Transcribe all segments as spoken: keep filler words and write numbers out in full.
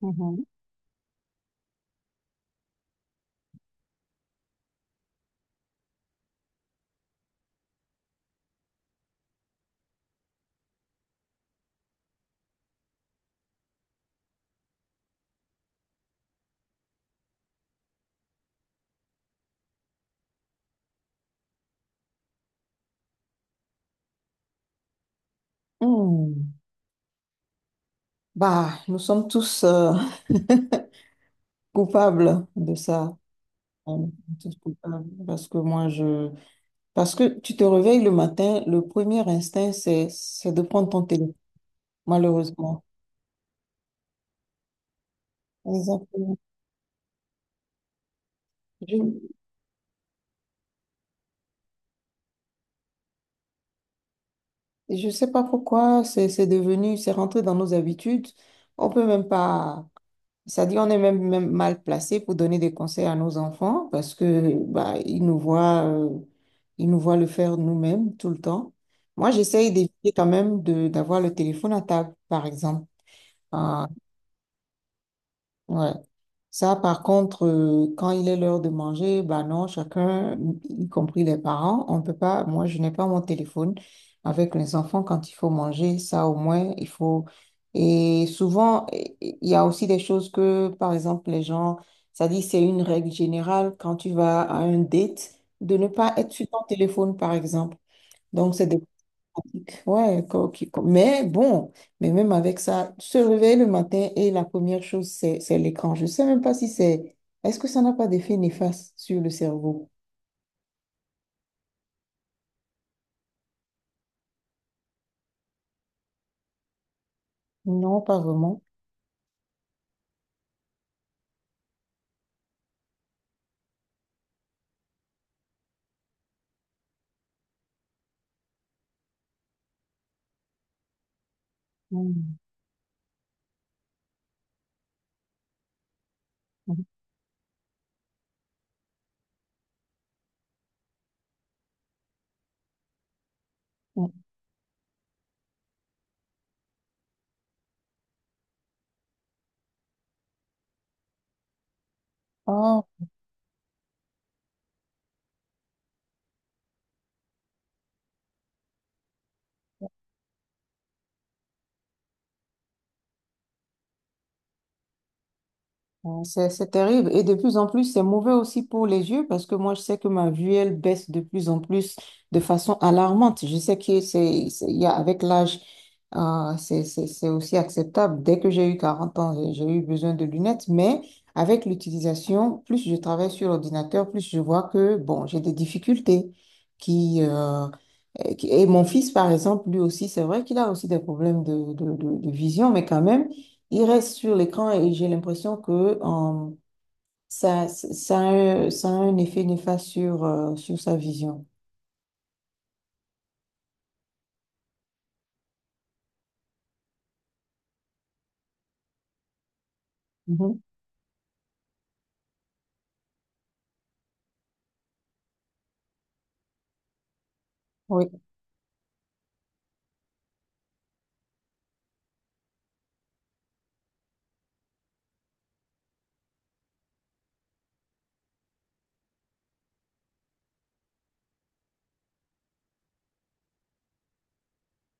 Mhm. Hmm. Bah, nous sommes tous euh, coupables de ça. On est tous coupables parce que moi, je... Parce que tu te réveilles le matin, le premier instinct, c'est, c'est de prendre ton téléphone, malheureusement. Exactement. Je je sais pas pourquoi, c'est, c'est devenu, c'est rentré dans nos habitudes. On peut même pas... C'est-à-dire, on est même, même mal placé pour donner des conseils à nos enfants parce que bah, ils nous voient, euh, ils nous voient le faire nous-mêmes tout le temps. Moi, j'essaye d'éviter quand même de d'avoir le téléphone à table, par exemple. Enfin, ouais. Ça, par contre, euh, quand il est l'heure de manger, bah non, chacun, y compris les parents, on peut pas, moi, je n'ai pas mon téléphone avec les enfants quand il faut manger, ça au moins, il faut. Et souvent, eh, eh, il y a aussi des choses que, par exemple, les gens, ça dit, c'est une règle générale quand tu vas à un date, de ne pas être sur ton téléphone, par exemple. Donc, c'est des... Ouais, co- qui- co- mais bon, mais même avec ça, se réveiller le matin et la première chose, c'est, c'est l'écran. Je ne sais même pas si c'est... Est-ce que ça n'a pas d'effet néfaste sur le cerveau? Non, pas vraiment. Mm. Mm. Ah, ouais, C'est, c'est terrible. Et de plus en plus, c'est mauvais aussi pour les yeux parce que moi, je sais que ma vue, elle baisse de plus en plus de façon alarmante. Je sais que c'est, c'est- il y a, avec l'âge, euh, c'est, c'est, c'est aussi acceptable. Dès que j'ai eu quarante ans, j'ai j'ai eu besoin de lunettes. Mais avec l'utilisation, plus je travaille sur l'ordinateur, plus je vois que, bon, j'ai des difficultés qui, euh, et qui- et mon fils, par exemple, lui aussi, c'est vrai qu'il a aussi des problèmes de, de, de de vision, mais quand même, il reste sur l'écran et j'ai l'impression que euh, ça, ça, a un, ça a un effet néfaste sur, euh, sur sa vision. Mhm. Oui,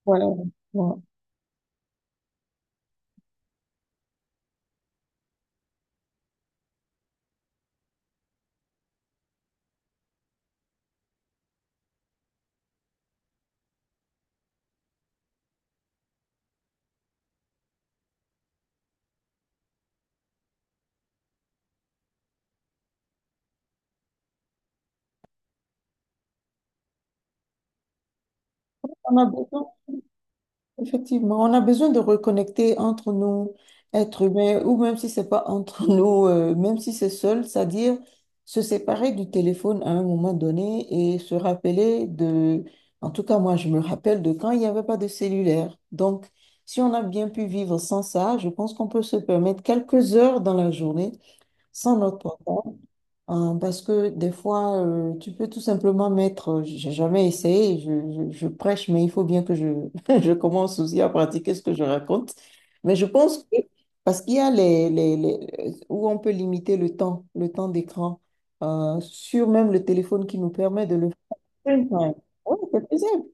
voilà. Voilà. On a beaucoup Effectivement, on a besoin de reconnecter entre nous, êtres humains, ou même si c'est pas entre nous, euh, même si c'est seul, c'est-à-dire se séparer du téléphone à un moment donné et se rappeler de, en tout cas moi je me rappelle de quand il n'y avait pas de cellulaire. Donc, si on a bien pu vivre sans ça, je pense qu'on peut se permettre quelques heures dans la journée sans notre portable. Euh, parce que des fois, euh, tu peux tout simplement mettre, euh, j'ai jamais essayé, je, je- je prêche, mais il faut bien que je, je commence aussi à pratiquer ce que je raconte. Mais je pense que, parce qu'il y a les, les, les- où on peut limiter le temps, le temps d'écran, euh, sur même le téléphone qui nous permet de le faire. Ouais, c'est faisable.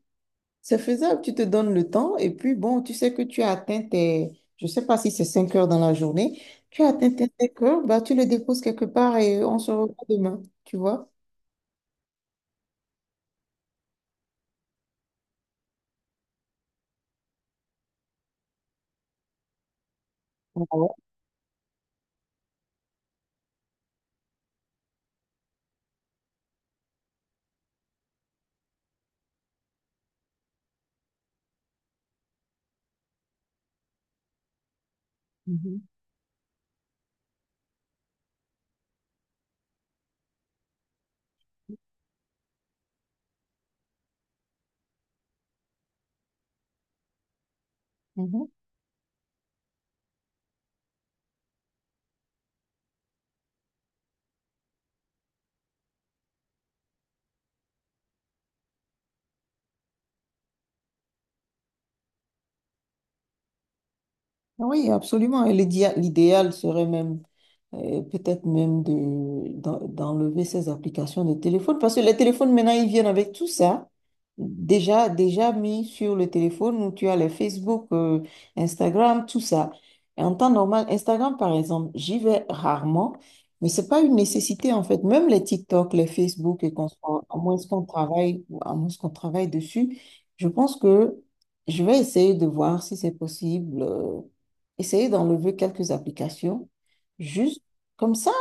C'est faisable, tu te donnes le temps et puis bon, tu sais que tu as atteint tes, je sais pas si c'est cinq heures dans la journée, tu as atteint tes cinq heures, bah, tu le déposes quelque part et on se revoit demain, tu vois? Ah ouais. Mhm, mhm. Ah oui, absolument. Et l'idéal l'idéal serait même euh, peut-être même de, d'en- d'enlever ces applications de téléphone, parce que les téléphones, maintenant, ils viennent avec tout ça. Déjà, déjà mis sur le téléphone où tu as les Facebook, euh, Instagram, tout ça. Et en temps normal, Instagram, par exemple, j'y vais rarement, mais c'est pas une nécessité, en fait. Même les TikTok, les Facebook, et qu'on soit, à moins qu'on travaille, ou à moins qu'on travaille dessus, je pense que je vais essayer de voir si c'est possible, euh, essayer d'enlever quelques applications. Juste comme ça,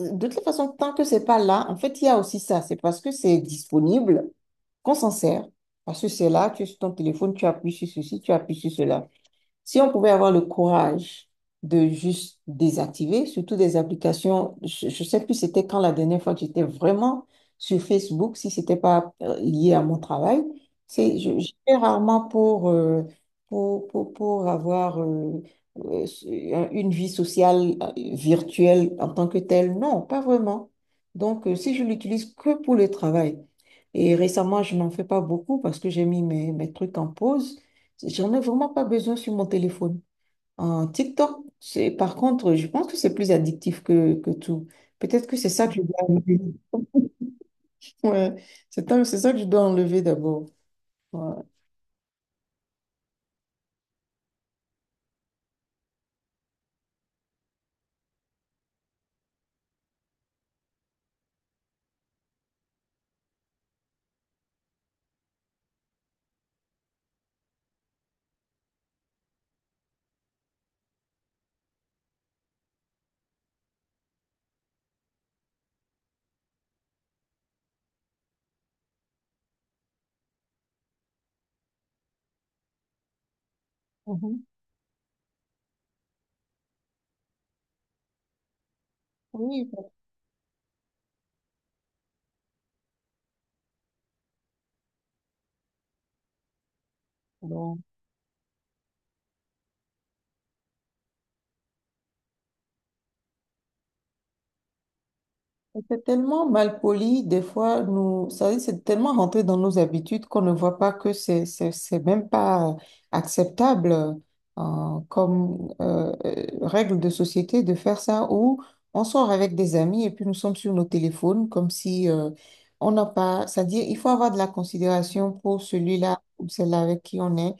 de toute façon, tant que c'est pas là, en fait, il y a aussi ça. C'est parce que c'est disponible qu'on s'en sert. Parce que c'est là, tu es sur ton téléphone, tu appuies sur ceci, tu appuies sur cela. Si on pouvait avoir le courage de juste désactiver, surtout des applications, je ne sais plus c'était quand la dernière fois que j'étais vraiment sur Facebook, si c'était pas euh, lié à mon travail, c'est, je, je fais rarement pour, euh, pour, pour, pour avoir euh, euh, une vie sociale euh, virtuelle en tant que telle. Non, pas vraiment. Donc, euh, si je l'utilise que pour le travail, et récemment, je n'en fais pas beaucoup parce que j'ai mis mes, mes trucs en pause. J'en ai vraiment pas besoin sur mon téléphone. En TikTok, c'est, par contre, je pense que c'est plus addictif que, que tout. Peut-être que c'est ça que je dois enlever. Ouais, c'est ça c'est ça que je dois enlever d'abord. Ouais. Mhm. Oui, donc, c'est tellement mal poli, des fois, nous, ça veut dire, c'est tellement rentré dans nos habitudes qu'on ne voit pas que c'est, c'est, c'est même pas acceptable euh, comme euh, euh, règle de société de faire ça où on sort avec des amis et puis nous sommes sur nos téléphones comme si euh, on n'a pas, c'est-à-dire, il faut avoir de la considération pour celui-là ou celle-là avec qui on est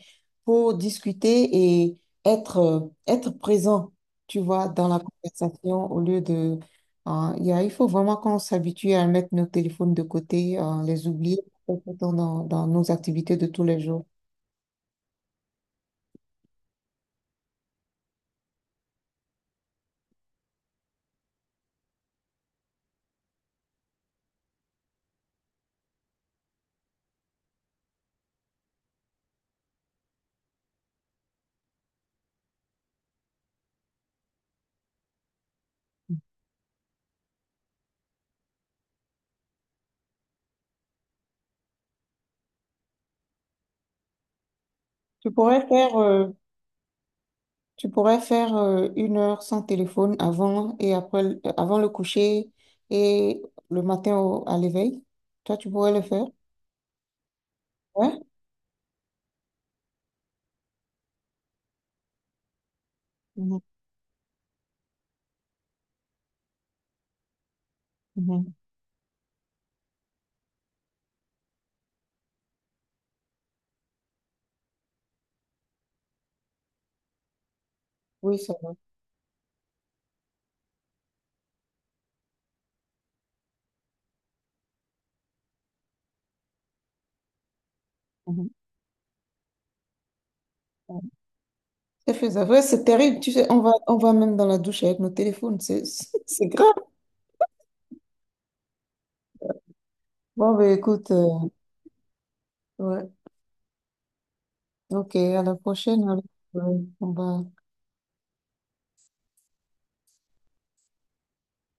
pour discuter et être, euh, être présent, tu vois, dans la conversation au lieu de euh, il y a- il faut vraiment qu'on s'habitue à mettre nos téléphones de côté, euh, les oublier autant dans, dans nos activités de tous les jours. Tu pourrais faire, euh, tu pourrais faire euh, une heure sans téléphone avant et après, le- euh, avant le coucher et le matin au- à l'éveil. Toi, tu pourrais le faire. Ouais. Mhm. Oui, ça va. Mhm. Ouais. C'est faisable. Ouais, c'est terrible. Tu sais, on va, on va même dans la douche avec nos téléphones. C'est, c'est grave. Bon, ben écoute, euh, ouais. Ok, à la prochaine alors. Ouais, on va.